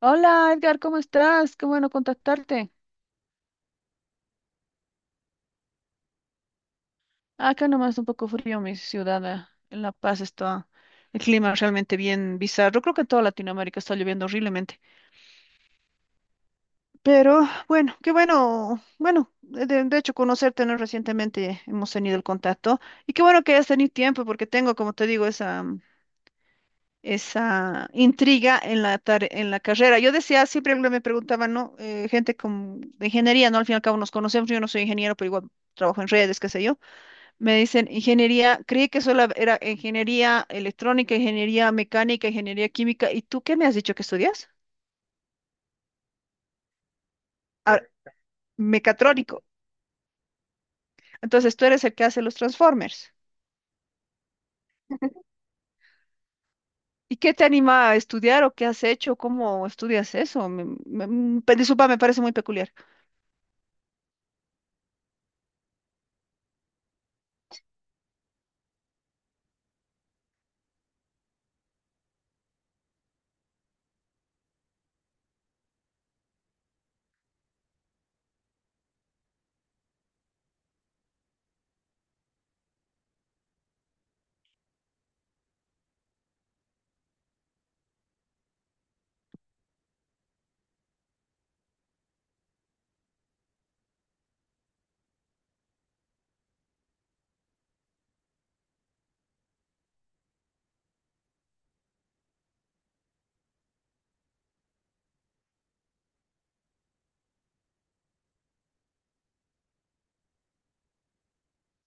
Hola Edgar, ¿cómo estás? Qué bueno contactarte. Acá nomás un poco frío mi ciudad. En La Paz está el clima realmente bien bizarro. Creo que en toda Latinoamérica está lloviendo horriblemente. Pero bueno, qué bueno. Bueno, de hecho conocerte, ¿no? Recientemente hemos tenido el contacto. Y qué bueno que hayas tenido tiempo porque tengo, como te digo, esa intriga en en la carrera. Yo decía, siempre me preguntaban, ¿no? Gente de ingeniería, ¿no? Al fin y al cabo nos conocemos. Yo no soy ingeniero, pero igual trabajo en redes, qué sé yo. Me dicen ingeniería, creí que solo era ingeniería electrónica, ingeniería mecánica, ingeniería química. ¿Y tú qué me has dicho que estudias? Ah, mecatrónico. Entonces tú eres el que hace los Transformers. ¿Y qué te anima a estudiar o qué has hecho? ¿Cómo estudias eso? Disculpa, me parece muy peculiar.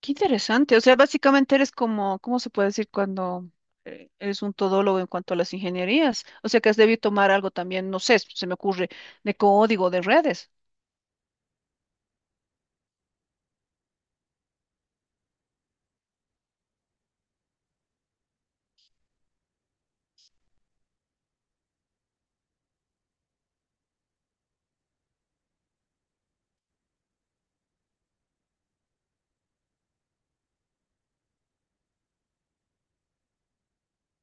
Qué interesante. O sea, básicamente eres como, ¿cómo se puede decir cuando eres un todólogo en cuanto a las ingenierías? O sea, que has debido tomar algo también, no sé, se me ocurre, de código, de redes.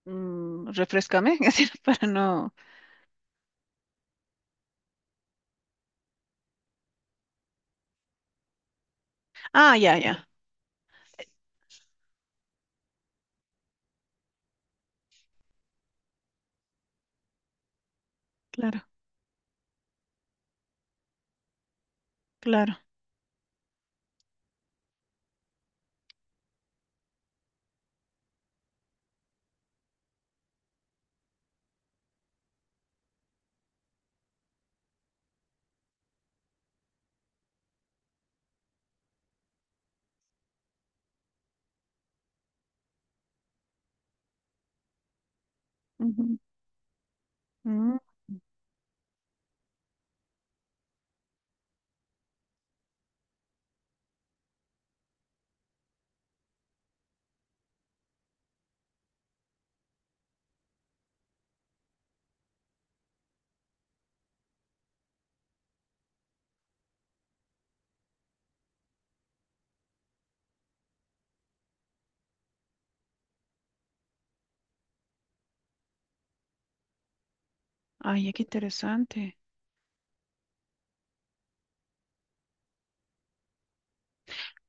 Refrescame, así para no. Ah, ya, ya. Claro, claro. Ujú. Mm. Ay, qué interesante.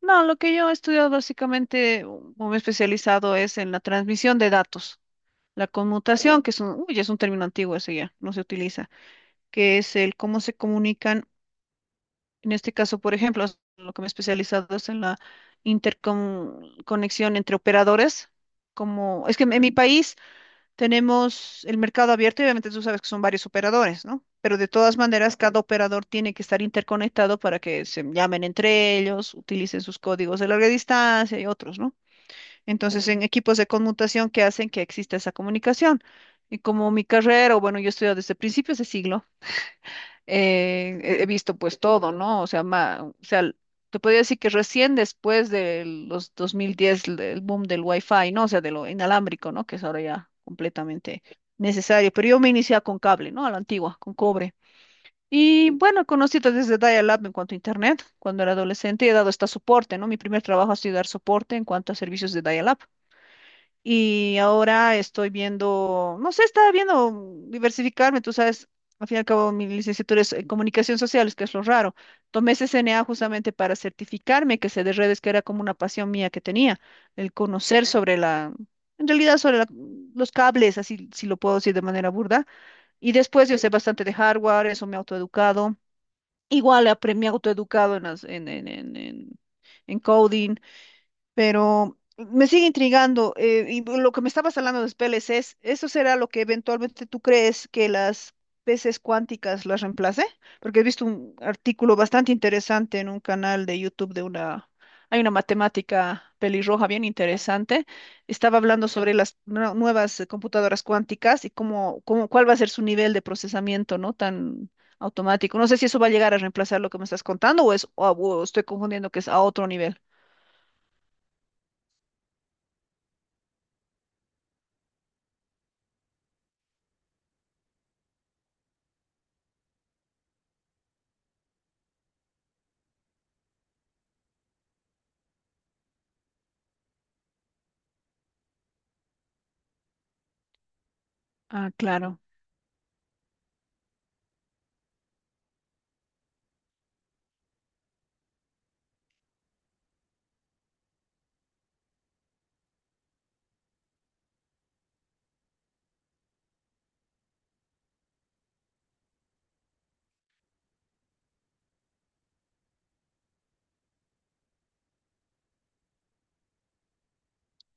No, lo que yo he estudiado básicamente o me he especializado es en la transmisión de datos. La conmutación, que es un término antiguo ese ya, no se utiliza, que es el cómo se comunican, en este caso, por ejemplo, lo que me he especializado es en la interconexión entre operadores, como, es que en mi país. Tenemos el mercado abierto y obviamente tú sabes que son varios operadores, ¿no? Pero de todas maneras, cada operador tiene que estar interconectado para que se llamen entre ellos, utilicen sus códigos de larga distancia y otros, ¿no? Entonces, en equipos de conmutación que hacen que exista esa comunicación. Y como mi carrera, o bueno, yo he estudiado desde principios de siglo, he visto pues todo, ¿no? O sea, o sea, te podría decir que recién después de los 2010, el boom del Wi-Fi, ¿no? O sea, de lo inalámbrico, ¿no? Que es ahora ya completamente necesario. Pero yo me inicié con cable, ¿no? A la antigua, con cobre. Y bueno, conocí desde Dial-Up en cuanto a Internet, cuando era adolescente, y he dado hasta soporte, ¿no? Mi primer trabajo ha sido dar soporte en cuanto a servicios de Dial-Up. Y ahora estoy viendo, no sé, estaba viendo diversificarme, tú sabes, al fin y al cabo mi licenciatura es en comunicación sociales, que es lo raro. Tomé CCNA justamente para certificarme que sé de redes, que era como una pasión mía que tenía, el conocer en realidad los cables, así si lo puedo decir de manera burda. Y después yo sé bastante de hardware, eso me he autoeducado. Me he autoeducado en, las- en coding. Pero me sigue intrigando, y lo que me estabas hablando de los PLCs, ¿eso será lo que eventualmente tú crees que las peces cuánticas las reemplace? Porque he visto un artículo bastante interesante en un canal de YouTube hay una matemática pelirroja bien interesante. Estaba hablando sobre las nuevas computadoras cuánticas y cuál va a ser su nivel de procesamiento, ¿no? Tan automático. No sé si eso va a llegar a reemplazar lo que me estás contando o estoy confundiendo que es a otro nivel. Ah, claro.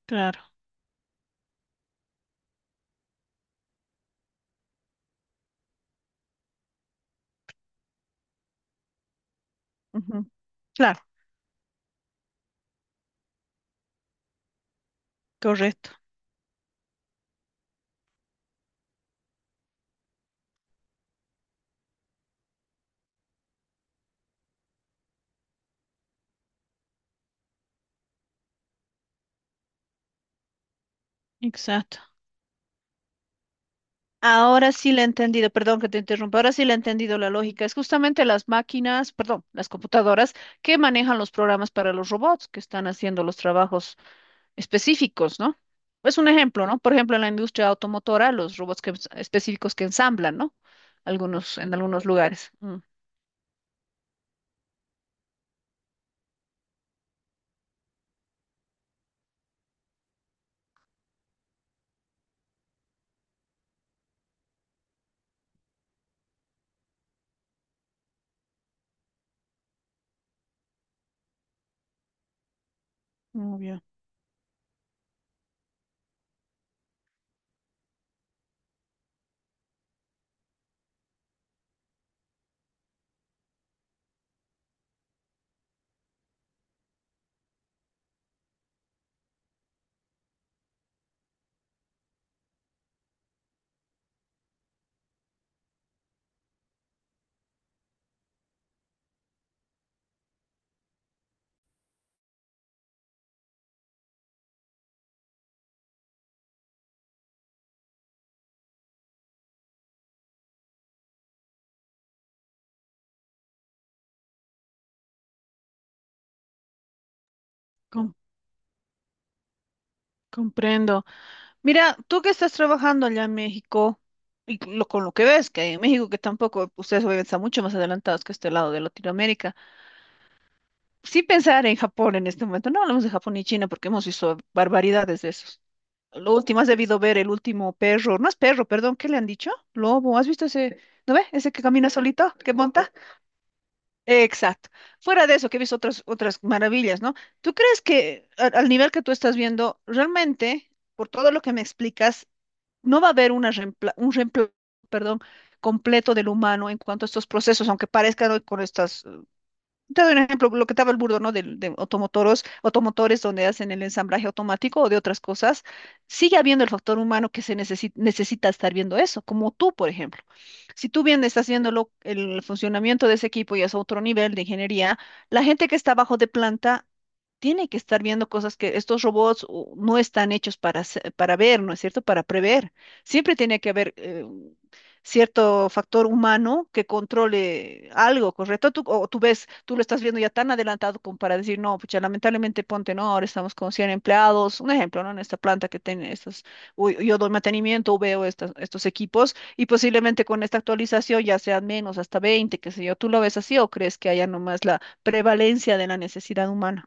Claro, ujú. Claro, correcto, exacto. Ahora sí le he entendido, perdón que te interrumpa, ahora sí le he entendido la lógica. Es justamente las máquinas, perdón, las computadoras que manejan los programas para los robots que están haciendo los trabajos específicos, ¿no? Es un ejemplo, ¿no? Por ejemplo, en la industria automotora, los robots específicos que ensamblan, ¿no? Algunos, en algunos lugares. Mm. Muy bien, com- comprendo. Mira, tú que estás trabajando allá en México, y con lo que ves, que en México, que tampoco ustedes obviamente están mucho más adelantados que este lado de Latinoamérica, sí pensar en Japón en este momento, no hablamos de Japón y China porque hemos visto barbaridades de esos. Lo último, has debido ver el último perro, no es perro, perdón, ¿qué le han dicho? Lobo, ¿has visto ese, no ve? Ese que camina solito, que monta. Exacto. Fuera de eso, que he visto otras maravillas, ¿no? ¿Tú crees que al nivel que tú estás viendo, realmente, por todo lo que me explicas, no va a haber un reemplazo, perdón, completo del humano en cuanto a estos procesos, aunque parezcan hoy con estas, te doy un ejemplo, lo que estaba el burdo, ¿no? De, automotores donde hacen el ensamblaje automático o de otras cosas, sigue habiendo el factor humano que necesita estar viendo eso, como tú, por ejemplo. Si tú bien estás viendo el funcionamiento de ese equipo y es otro nivel de ingeniería, la gente que está abajo de planta tiene que estar viendo cosas que estos robots no están hechos para ver, ¿no es cierto? Para prever. Siempre tiene que haber cierto factor humano que controle algo, ¿correcto? Tú, o tú ves, tú lo estás viendo ya tan adelantado como para decir, no, pucha, lamentablemente ponte, no, ahora estamos con 100 empleados, un ejemplo, ¿no? En esta planta que tiene estos, o yo doy mantenimiento, veo estos equipos y posiblemente con esta actualización ya sean menos, hasta 20, qué sé yo, ¿tú lo ves así o crees que haya nomás la prevalencia de la necesidad humana?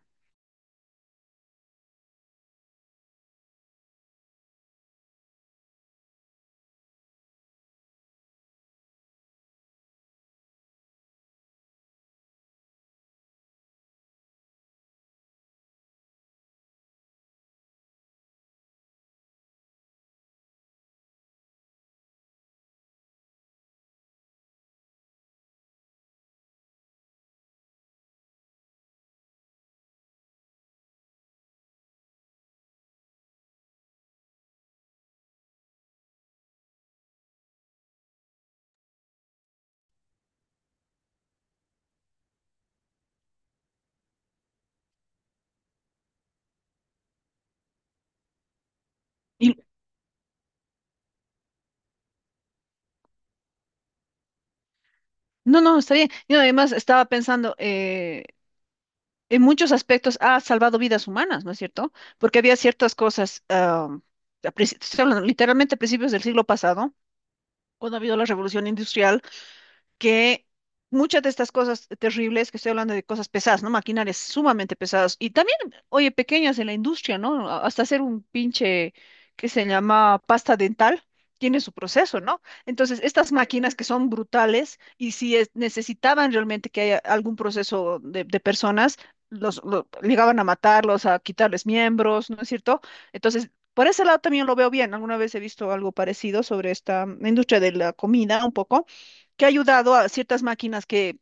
Y No, no, está bien. Yo además estaba pensando, en muchos aspectos ha salvado vidas humanas, ¿no es cierto? Porque había ciertas cosas, estoy hablando literalmente a principios del siglo pasado, cuando ha habido la revolución industrial que muchas de estas cosas terribles, que estoy hablando de cosas pesadas, ¿no? Maquinarias sumamente pesadas y también, oye, pequeñas en la industria, ¿no? Hasta hacer un pinche que se llama pasta dental. Tiene su proceso, ¿no? Entonces, estas máquinas que son brutales y si necesitaban realmente que haya algún proceso de personas, llegaban a matarlos, a quitarles miembros, ¿no es cierto? Entonces, por ese lado también lo veo bien. Alguna vez he visto algo parecido sobre esta industria de la comida un poco que ha ayudado a ciertas máquinas que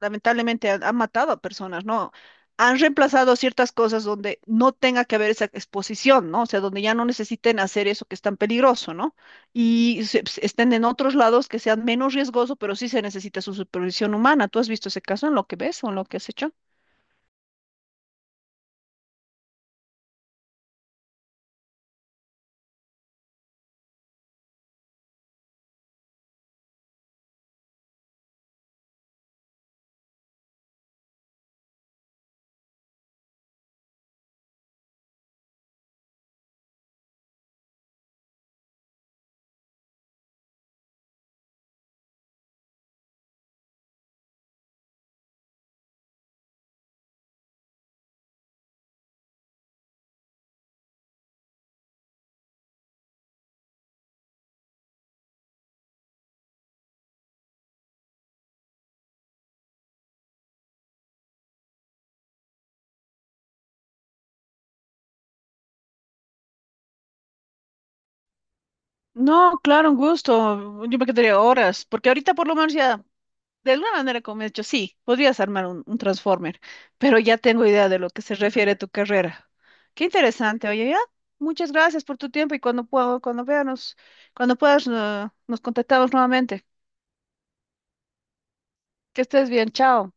lamentablemente han matado a personas, ¿no? Han reemplazado ciertas cosas donde no tenga que haber esa exposición, ¿no? O sea, donde ya no necesiten hacer eso que es tan peligroso, ¿no? Y estén en otros lados que sean menos riesgoso, pero sí se necesita su supervisión humana. ¿Tú has visto ese caso en lo que ves o en lo que has hecho? No, claro, un gusto. Yo me quedaría horas, porque ahorita por lo menos ya. De alguna manera como he hecho, sí, podrías armar un Transformer, pero ya tengo idea de lo que se refiere a tu carrera. Qué interesante, oye, ya. Muchas gracias por tu tiempo y cuando puedo, cuando veamos, cuando puedas, nos contactamos nuevamente. Que estés bien, chao.